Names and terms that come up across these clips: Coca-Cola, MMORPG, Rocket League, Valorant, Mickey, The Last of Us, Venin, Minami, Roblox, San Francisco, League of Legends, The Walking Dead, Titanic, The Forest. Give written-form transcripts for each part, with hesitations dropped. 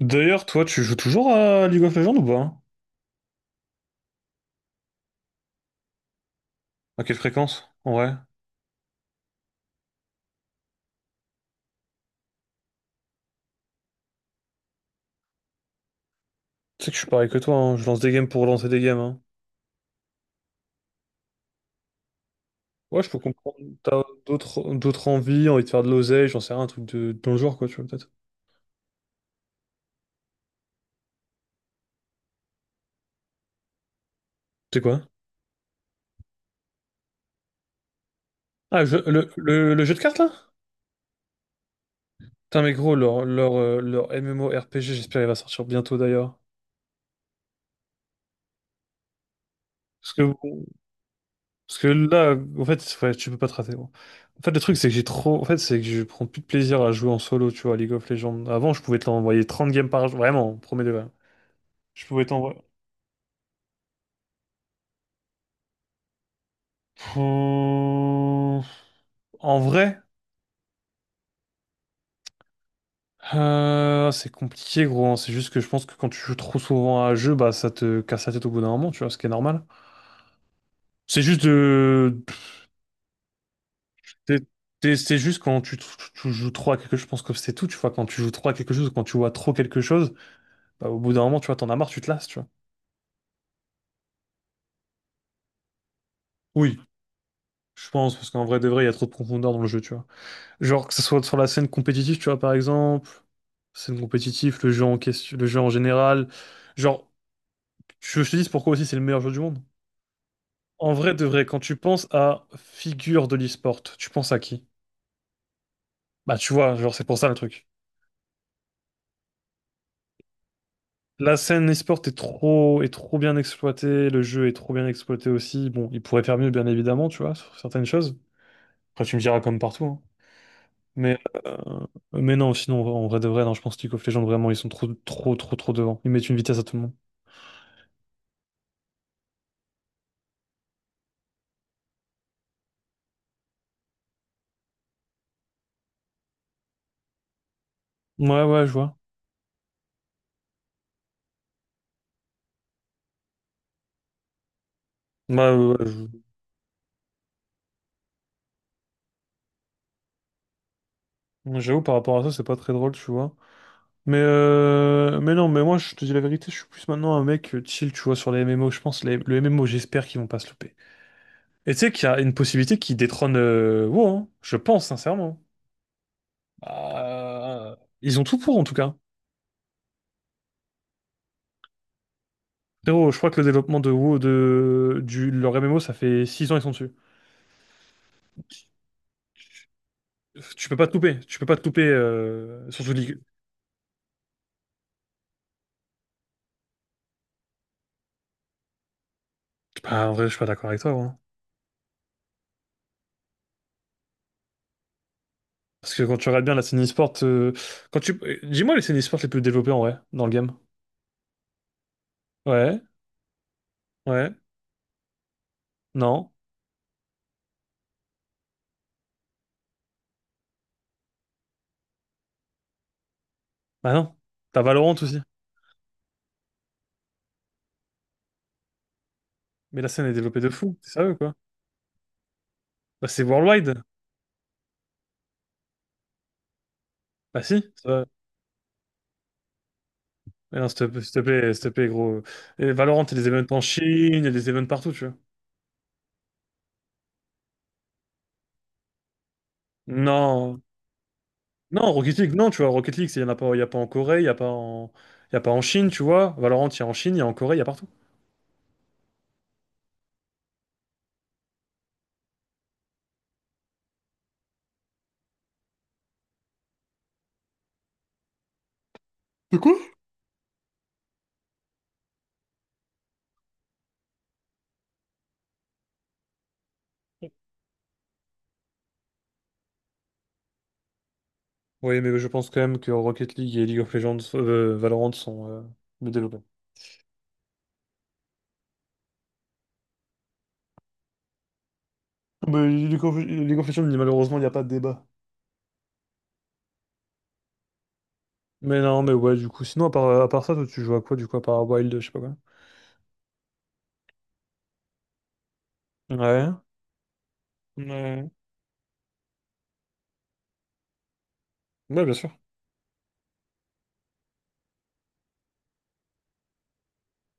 D'ailleurs, toi, tu joues toujours à League of Legends ou pas? Hein. À quelle fréquence? En vrai. Tu sais que je suis pareil que toi, hein, je lance des games pour lancer des games. Hein. Ouais, je peux comprendre. T'as d'autres envies, envie de faire de l'oseille, j'en sais rien, un truc de, dans le genre, quoi, tu vois, peut-être. C'est quoi? Ah, le jeu de cartes, là? Putain, mais gros, leur MMORPG, j'espère il va sortir bientôt, d'ailleurs. Parce que, parce que là, en fait, ouais, tu peux pas te rater, gros. En fait, le truc, c'est que j'ai trop. En fait, c'est que je prends plus de plaisir à jouer en solo, tu vois, à League of Legends. Avant, je pouvais te l'envoyer 30 games par jour, vraiment, premier degré. Je pouvais t'envoyer. Euh, En vrai, c'est compliqué, gros. Hein. C'est juste que je pense que quand tu joues trop souvent à un jeu, bah ça te casse la tête au bout d'un moment, tu vois, ce qui est normal. C'est juste de. C'est c'est juste quand tu joues trop à quelque chose, je pense que c'est tout, tu vois. Quand tu joues trop à quelque chose, ou quand tu vois trop quelque chose, bah, au bout d'un moment, tu vois, t'en as marre, tu te lasses, tu vois. Oui, je pense, parce qu'en vrai de vrai, il y a trop de profondeur dans le jeu, tu vois. Genre, que ce soit sur la scène compétitive, tu vois, par exemple, scène compétitive, le jeu en question, le jeu en général. Genre. Je te dis pourquoi aussi c'est le meilleur jeu du monde. En vrai, de vrai, quand tu penses à figure de l'e-sport, tu penses à qui? Bah, tu vois, genre, c'est pour ça le truc. La scène e-sport est trop bien exploitée, le jeu est trop bien exploité aussi. Bon, il pourrait faire mieux, bien évidemment, tu vois, sur certaines choses. Après, tu me diras comme partout, hein. Mais, euh, mais non, sinon, en vrai de vrai, non, je pense que League of Legends, vraiment, ils sont trop devant. Ils mettent une vitesse à tout le monde. Ouais, ouais, je vois. Bah, j'avoue, par rapport à ça, c'est pas très drôle, tu vois. Mais non, mais moi, je te dis la vérité, je suis plus maintenant un mec chill, tu vois, sur les MMO. Le MMO, j'espère qu'ils vont pas se louper. Et tu sais qu'il y a une possibilité qui détrône WoW, hein. Je pense, sincèrement. Euh, Ils ont tout pour, en tout cas. Frérot, je crois que le développement de WoW, leur MMO, ça fait 6 ans, ils sont dessus. Tu peux pas te louper, tu peux pas te louper, surtout League. Bah, en vrai, je suis pas d'accord avec toi, gros. Parce que quand tu regardes bien la scène e-sport, dis-moi les scènes e-sport les plus développées, en vrai, dans le game. Ouais, ouais, non. Bah non, t'as Valorant aussi. Mais la scène est développée de fou, c'est sérieux quoi. Bah c'est worldwide. Bah si, ça va. Mais non, s'il te plaît, gros. Et Valorant, il y a des événements en Chine, il y a des événements partout, tu vois. Non. Non, Rocket League, non, tu vois, Rocket League, c'est- il n'y en a pas, il y a pas en Corée, il y a pas en Chine, tu vois. Valorant, il y a en Chine, il y a en Corée, il y a partout. C'est quoi? Oui, mais je pense quand même que Rocket League et League of Legends, Valorant sont mieux développés. Mais League of Legends, malheureusement, il n'y a pas de débat. Mais non, mais ouais, du coup, sinon, à part ça, toi, tu joues à quoi, du coup, à part Wild, je sais pas quoi. Ouais, ouais, ouais, bien sûr.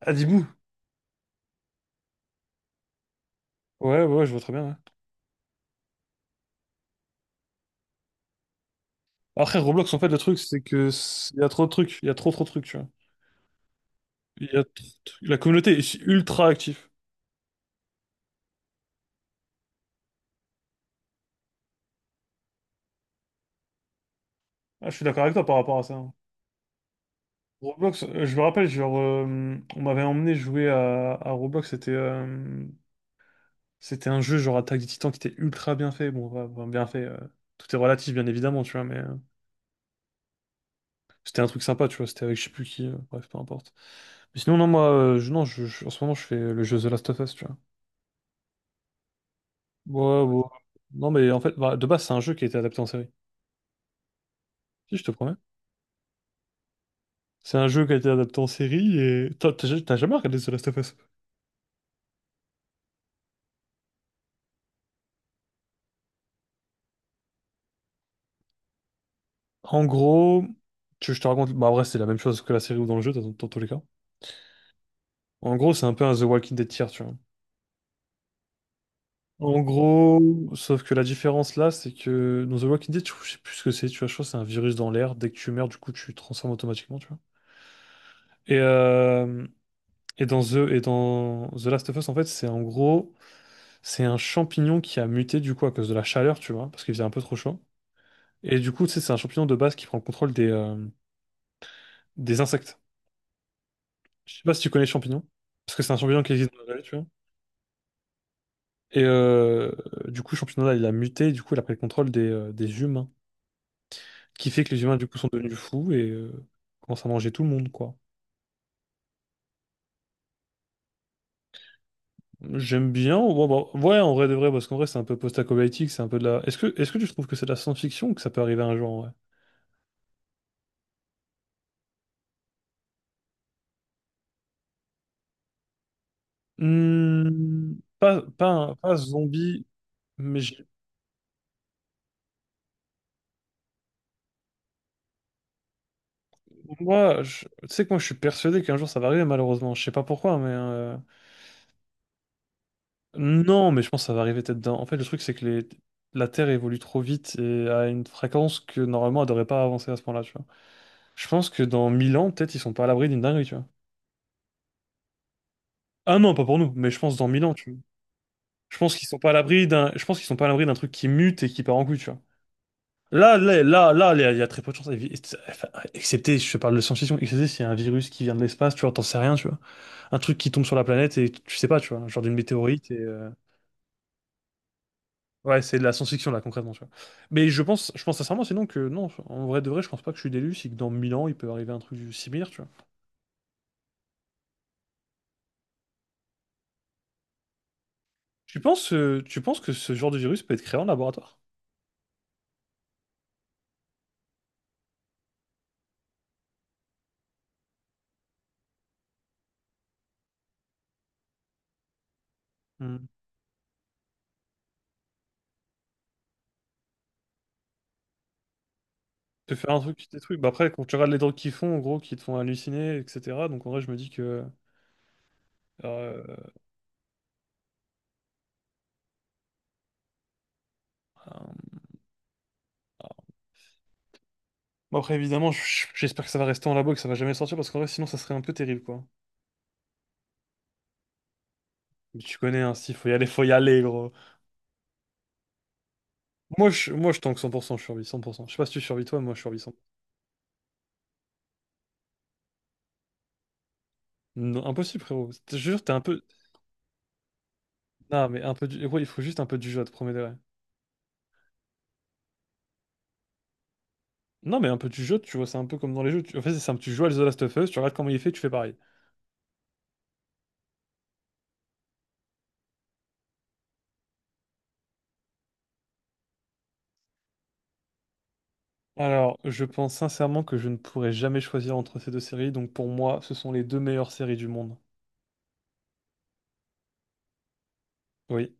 Ah, Dibou. Ouais, ouais, je vois très bien. Ouais. Après, Roblox, en fait, le truc, c'est que il y a trop de trucs, il y a trop, trop de trucs, tu vois. Il y a trop de trucs. La communauté est ultra active. Ah, je suis d'accord avec toi par rapport à ça. Hein. Roblox, je me rappelle, genre, on m'avait emmené jouer à Roblox, c'était un jeu genre Attaque des Titans qui était ultra bien fait. Bon, ouais, bon, bien fait, tout est relatif, bien évidemment, tu vois, mais. C'était un truc sympa, tu vois, c'était avec je sais plus qui, bref, peu importe. Mais sinon, non, moi, je, non, je- en ce moment, je fais le jeu The Last of Us, tu vois. Ouais, ouais. Non, mais en fait, bah, de base, c'est un jeu qui a été adapté en série. Si, je te promets. C'est un jeu qui a été adapté en série et... t'as jamais regardé The Last of Us? En gros, tu, je te raconte... bah, en vrai, c'est la même chose que la série ou dans le jeu, dans tous les cas. En gros, c'est un peu un The Walking Dead tier, tu vois. En gros, sauf que la différence là, c'est que dans The Walking Dead, je sais plus ce que c'est, tu vois, je crois que c'est un virus dans l'air. Dès que tu meurs, du coup, tu te transformes automatiquement, tu vois. Et, euh, et dans The Last of Us, en fait, c'est un champignon qui a muté du coup à cause de la chaleur, tu vois, parce qu'il faisait un peu trop chaud. Et du coup, tu sais, c'est un champignon de base qui prend le contrôle des insectes. Je sais pas si tu connais le champignon, parce que c'est un champignon qui existe dans la vraie vie, tu vois. Et euh, du coup, le champignon là, il a muté, et du coup, il a pris le contrôle des humains, qui fait que les humains, du coup, sont devenus fous et commencent à manger tout le monde, quoi. J'aime bien. Ouais, bah, ouais, en vrai de vrai, parce qu'en vrai, c'est un peu post-apocalyptique, c'est un peu de la. Est-ce que tu trouves que c'est de la science-fiction ou que ça peut arriver un jour, en vrai? Hmm, pas zombie, mais tu sais que moi, je suis persuadé qu'un jour ça va arriver, malheureusement. Je sais pas pourquoi, non, mais je pense que ça va arriver peut-être dans. En fait, le truc, c'est que la Terre évolue trop vite et à une fréquence que normalement, elle devrait pas avancer à ce point-là, tu vois. Je pense que dans 1000 ans, peut-être, ils sont pas à l'abri d'une dinguerie, tu vois. Ah non, pas pour nous, mais je pense dans 1000 ans, tu vois. Je pense qu'ils sont pas à l'abri d'un, je pense qu'ils sont pas à l'abri d'un truc qui mute et qui part en couille, tu vois. Là, il y a très peu de chances. Enfin, excepté, je te parle de science-fiction, excepté s'il y a un virus qui vient de l'espace, tu vois, t'en sais rien, tu vois. Un truc qui tombe sur la planète et tu sais pas, tu vois, genre d'une météorite et, euh. Ouais, c'est de la science-fiction, là, concrètement, tu vois. Mais je pense sincèrement, sinon que, non, en vrai de vrai, je pense pas que je suis d'élu, c'est que dans 1000 ans, il peut arriver un truc similaire, tu vois. Tu penses que ce genre de virus peut être créé en laboratoire? Tu fais un truc, tu détruis. Bah après, quand tu regardes les drogues qu'ils font, en gros, qui te font halluciner, etc. Donc en vrai, je me dis que. Euh, un- bon, après, évidemment, j'espère que ça va rester en labo et que ça va jamais sortir parce qu'en vrai, sinon, ça serait un peu terrible, quoi. Mais tu connais, hein, s'il faut y aller, gros. Moi, je tank 100%, je survis 100%. Je sais pas si tu survis toi, moi, je survis 100%. Non, impossible, frérot. Je te jure, t'es un peu. Non, mais un peu du. Ouais, il faut juste un peu du jeu, à te promets de vrai. Non, mais un peu du jeu, tu vois, c'est un peu comme dans les jeux. Tu... En fait, c'est simple. Tu joues à The Last of Us, tu regardes comment il fait, tu fais pareil. Alors, je pense sincèrement que je ne pourrais jamais choisir entre ces deux séries, donc pour moi, ce sont les deux meilleures séries du monde. Oui.